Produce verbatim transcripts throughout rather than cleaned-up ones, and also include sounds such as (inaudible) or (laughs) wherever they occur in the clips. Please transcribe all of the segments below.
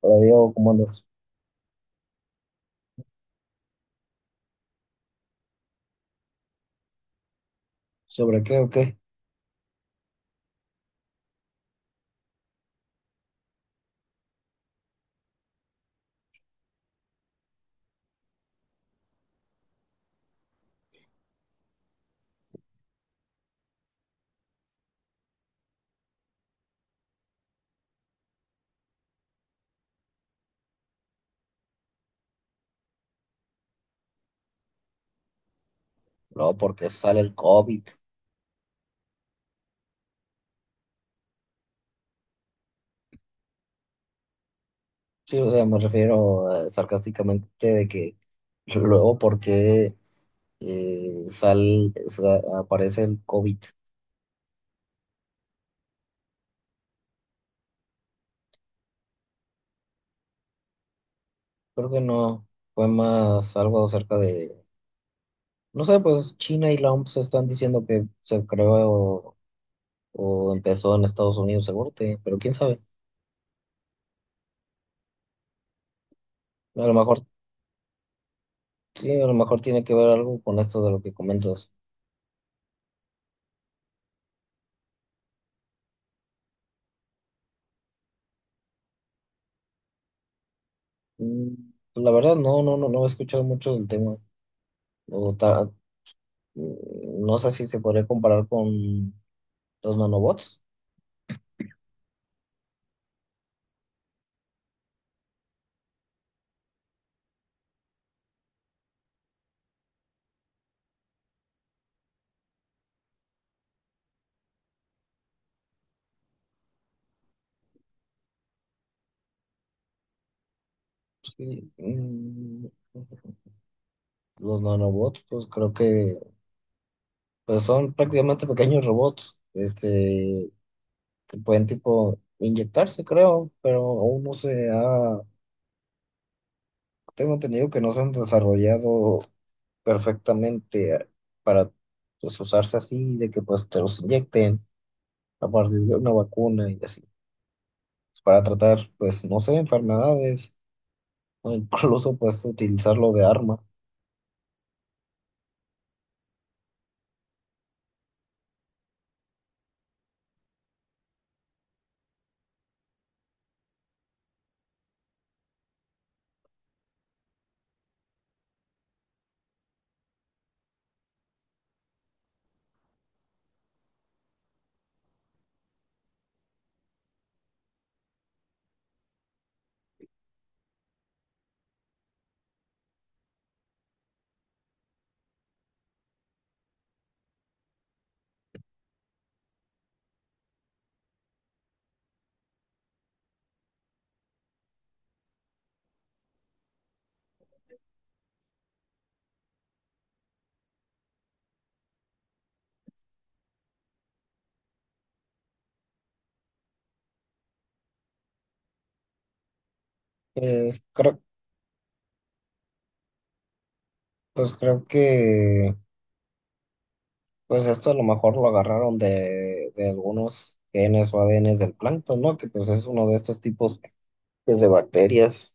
Pero digo, como andas? ¿Sobre qué o qué? No, porque sale el COVID. Sí, o sea, me refiero eh, sarcásticamente de que luego porque eh, sal, sa- aparece el COVID. Creo que no, fue más algo acerca de, no sé, pues China y la O M S están diciendo que se creó o, empezó en Estados Unidos, seguro, te- pero quién sabe. A lo mejor, sí, a lo mejor tiene que ver algo con esto de lo que comentas. Mm, pues, la verdad, no, no, no, no he escuchado mucho del tema. O ta- mm, no sé si se podría comparar con los nanobots. Sí, mm, los nanobots, pues creo que pues son prácticamente pequeños robots, este, que pueden tipo inyectarse, creo, pero aún no se ha, tengo entendido que no se han desarrollado perfectamente eh, para pues, usarse así, de que pues te los inyecten a partir de una vacuna y así, para tratar, pues, no sé, enfermedades, o incluso pues utilizarlo de arma. Es- creo, pues creo que pues esto a lo mejor lo agarraron de, de algunos genes o A D N s del plancton, ¿no? Que pues es uno de estos tipos pues, de bacterias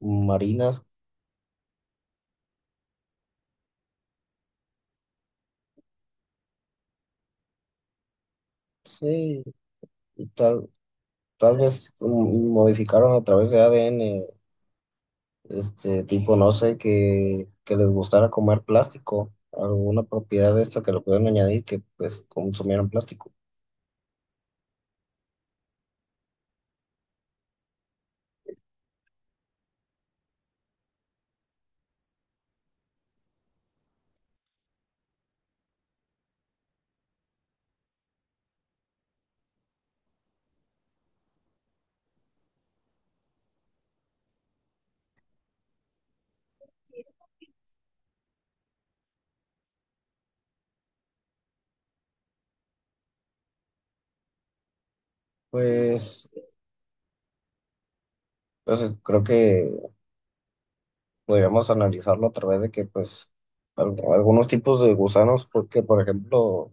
marinas. Sí, y tal, tal vez mm, modificaron a través de A D N, este tipo, no sé, que, que les gustara comer plástico, alguna propiedad de esta que lo pueden añadir que pues consumieran plástico. Pues entonces creo que podríamos analizarlo a través de que, pues, al- algunos tipos de gusanos, porque, por ejemplo,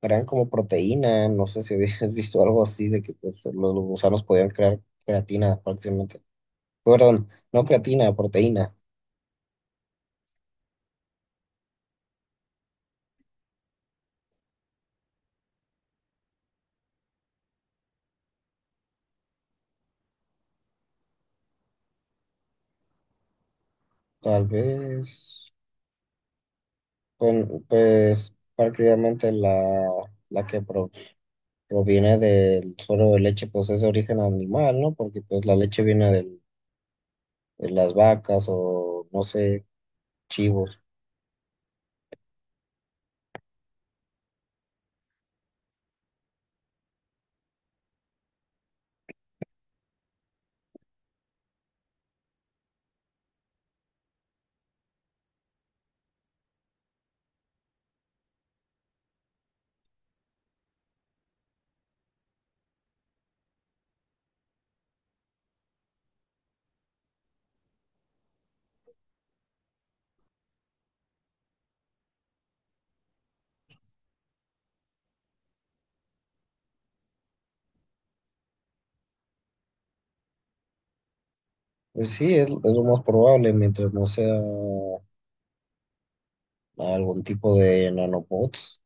crean como proteína, no sé si habías (laughs) visto algo así, de que pues, los, los gusanos podían crear creatina prácticamente. Perdón, no creatina, proteína. Tal vez, con, pues, prácticamente la, la que pro- proviene del suero de leche, pues es de origen animal, ¿no? Porque, pues, la leche viene del- de las vacas o, no sé, chivos. Pues sí, es, es lo más probable, mientras no sea algún tipo de nanobots.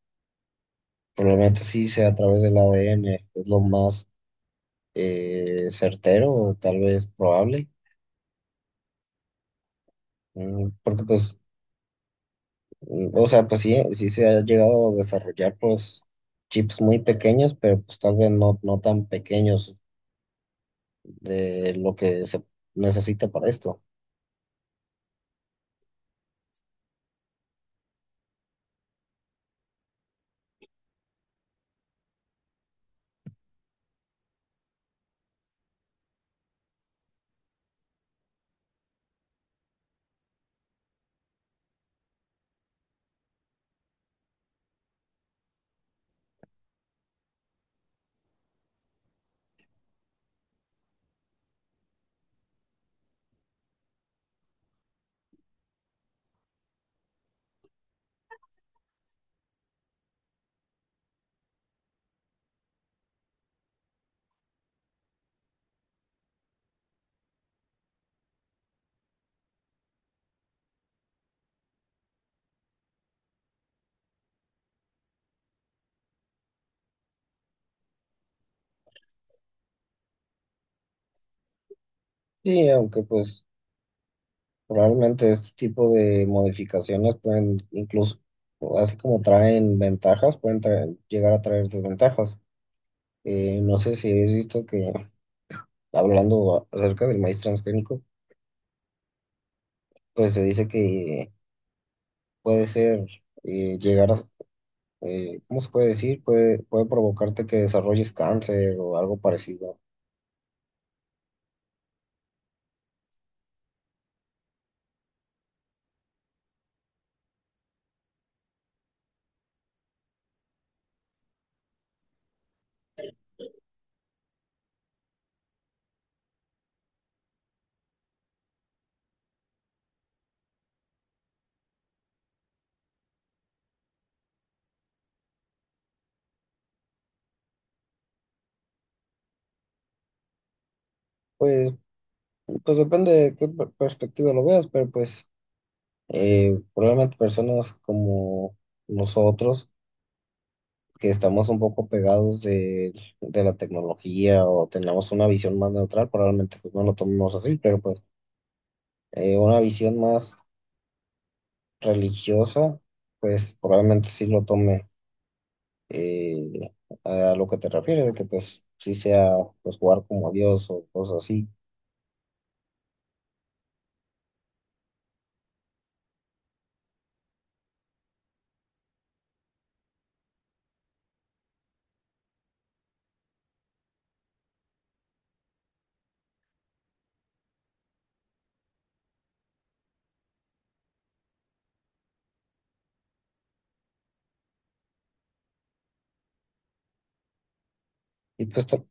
Probablemente sí sea a través del A D N, es lo más eh, certero, o tal vez probable. Mm, Porque pues, mm, o sea, pues sí, sí se ha llegado a desarrollar pues chips muy pequeños, pero pues tal vez no, no tan pequeños de lo que se necesita para esto. Sí, aunque pues probablemente este tipo de modificaciones pueden incluso, así como traen ventajas, pueden traer- llegar a traer desventajas. Eh, no sé si has visto que, hablando a- acerca del maíz transgénico, pues se dice que puede ser, eh, llegar a, eh, ¿cómo se puede decir? Puede, puede provocarte que desarrolles cáncer o algo parecido. Pues, pues depende de qué per- perspectiva lo veas, pero pues eh, probablemente personas como nosotros, que estamos un poco pegados de, de la tecnología o tengamos una visión más neutral, probablemente pues, no lo tomemos así, pero pues eh, una visión más religiosa, pues probablemente sí lo tome eh, a lo que te refieres, de que pues sí sea pues jugar como a Dios o cosas así. Y pues, to-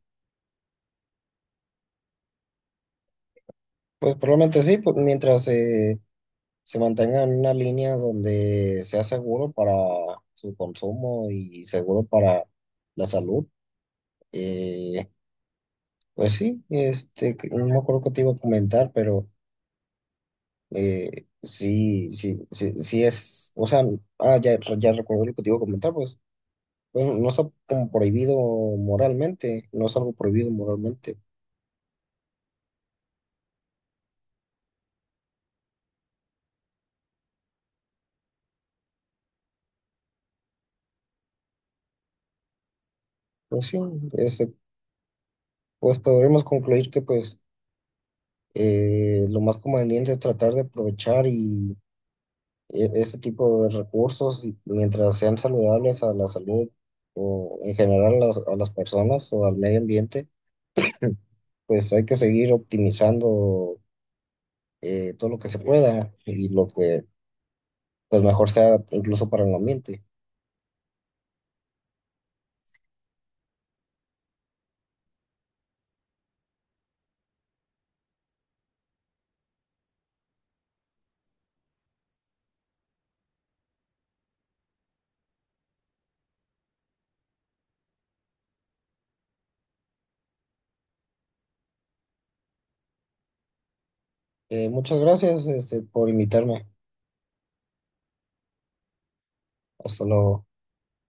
pues probablemente sí, pues mientras eh, se mantenga en una línea donde sea seguro para su consumo y seguro para la salud. eh, Pues sí, este, que- no me acuerdo que te iba a comentar, pero eh, sí, sí, sí, sí es, o sea, ah, ya, ya recuerdo lo que te iba a comentar, pues, pues, no está como prohibido moralmente, no es algo prohibido moralmente. Pues sí, este, pues podremos concluir que pues eh, lo más conveniente es tratar de aprovechar y e- ese tipo de recursos y mientras sean saludables a la salud o en general a las a las personas o al medio ambiente pues hay que seguir optimizando eh, todo lo que se pueda y lo que pues mejor sea incluso para el ambiente. Eh, muchas gracias, este, por invitarme. Hasta luego.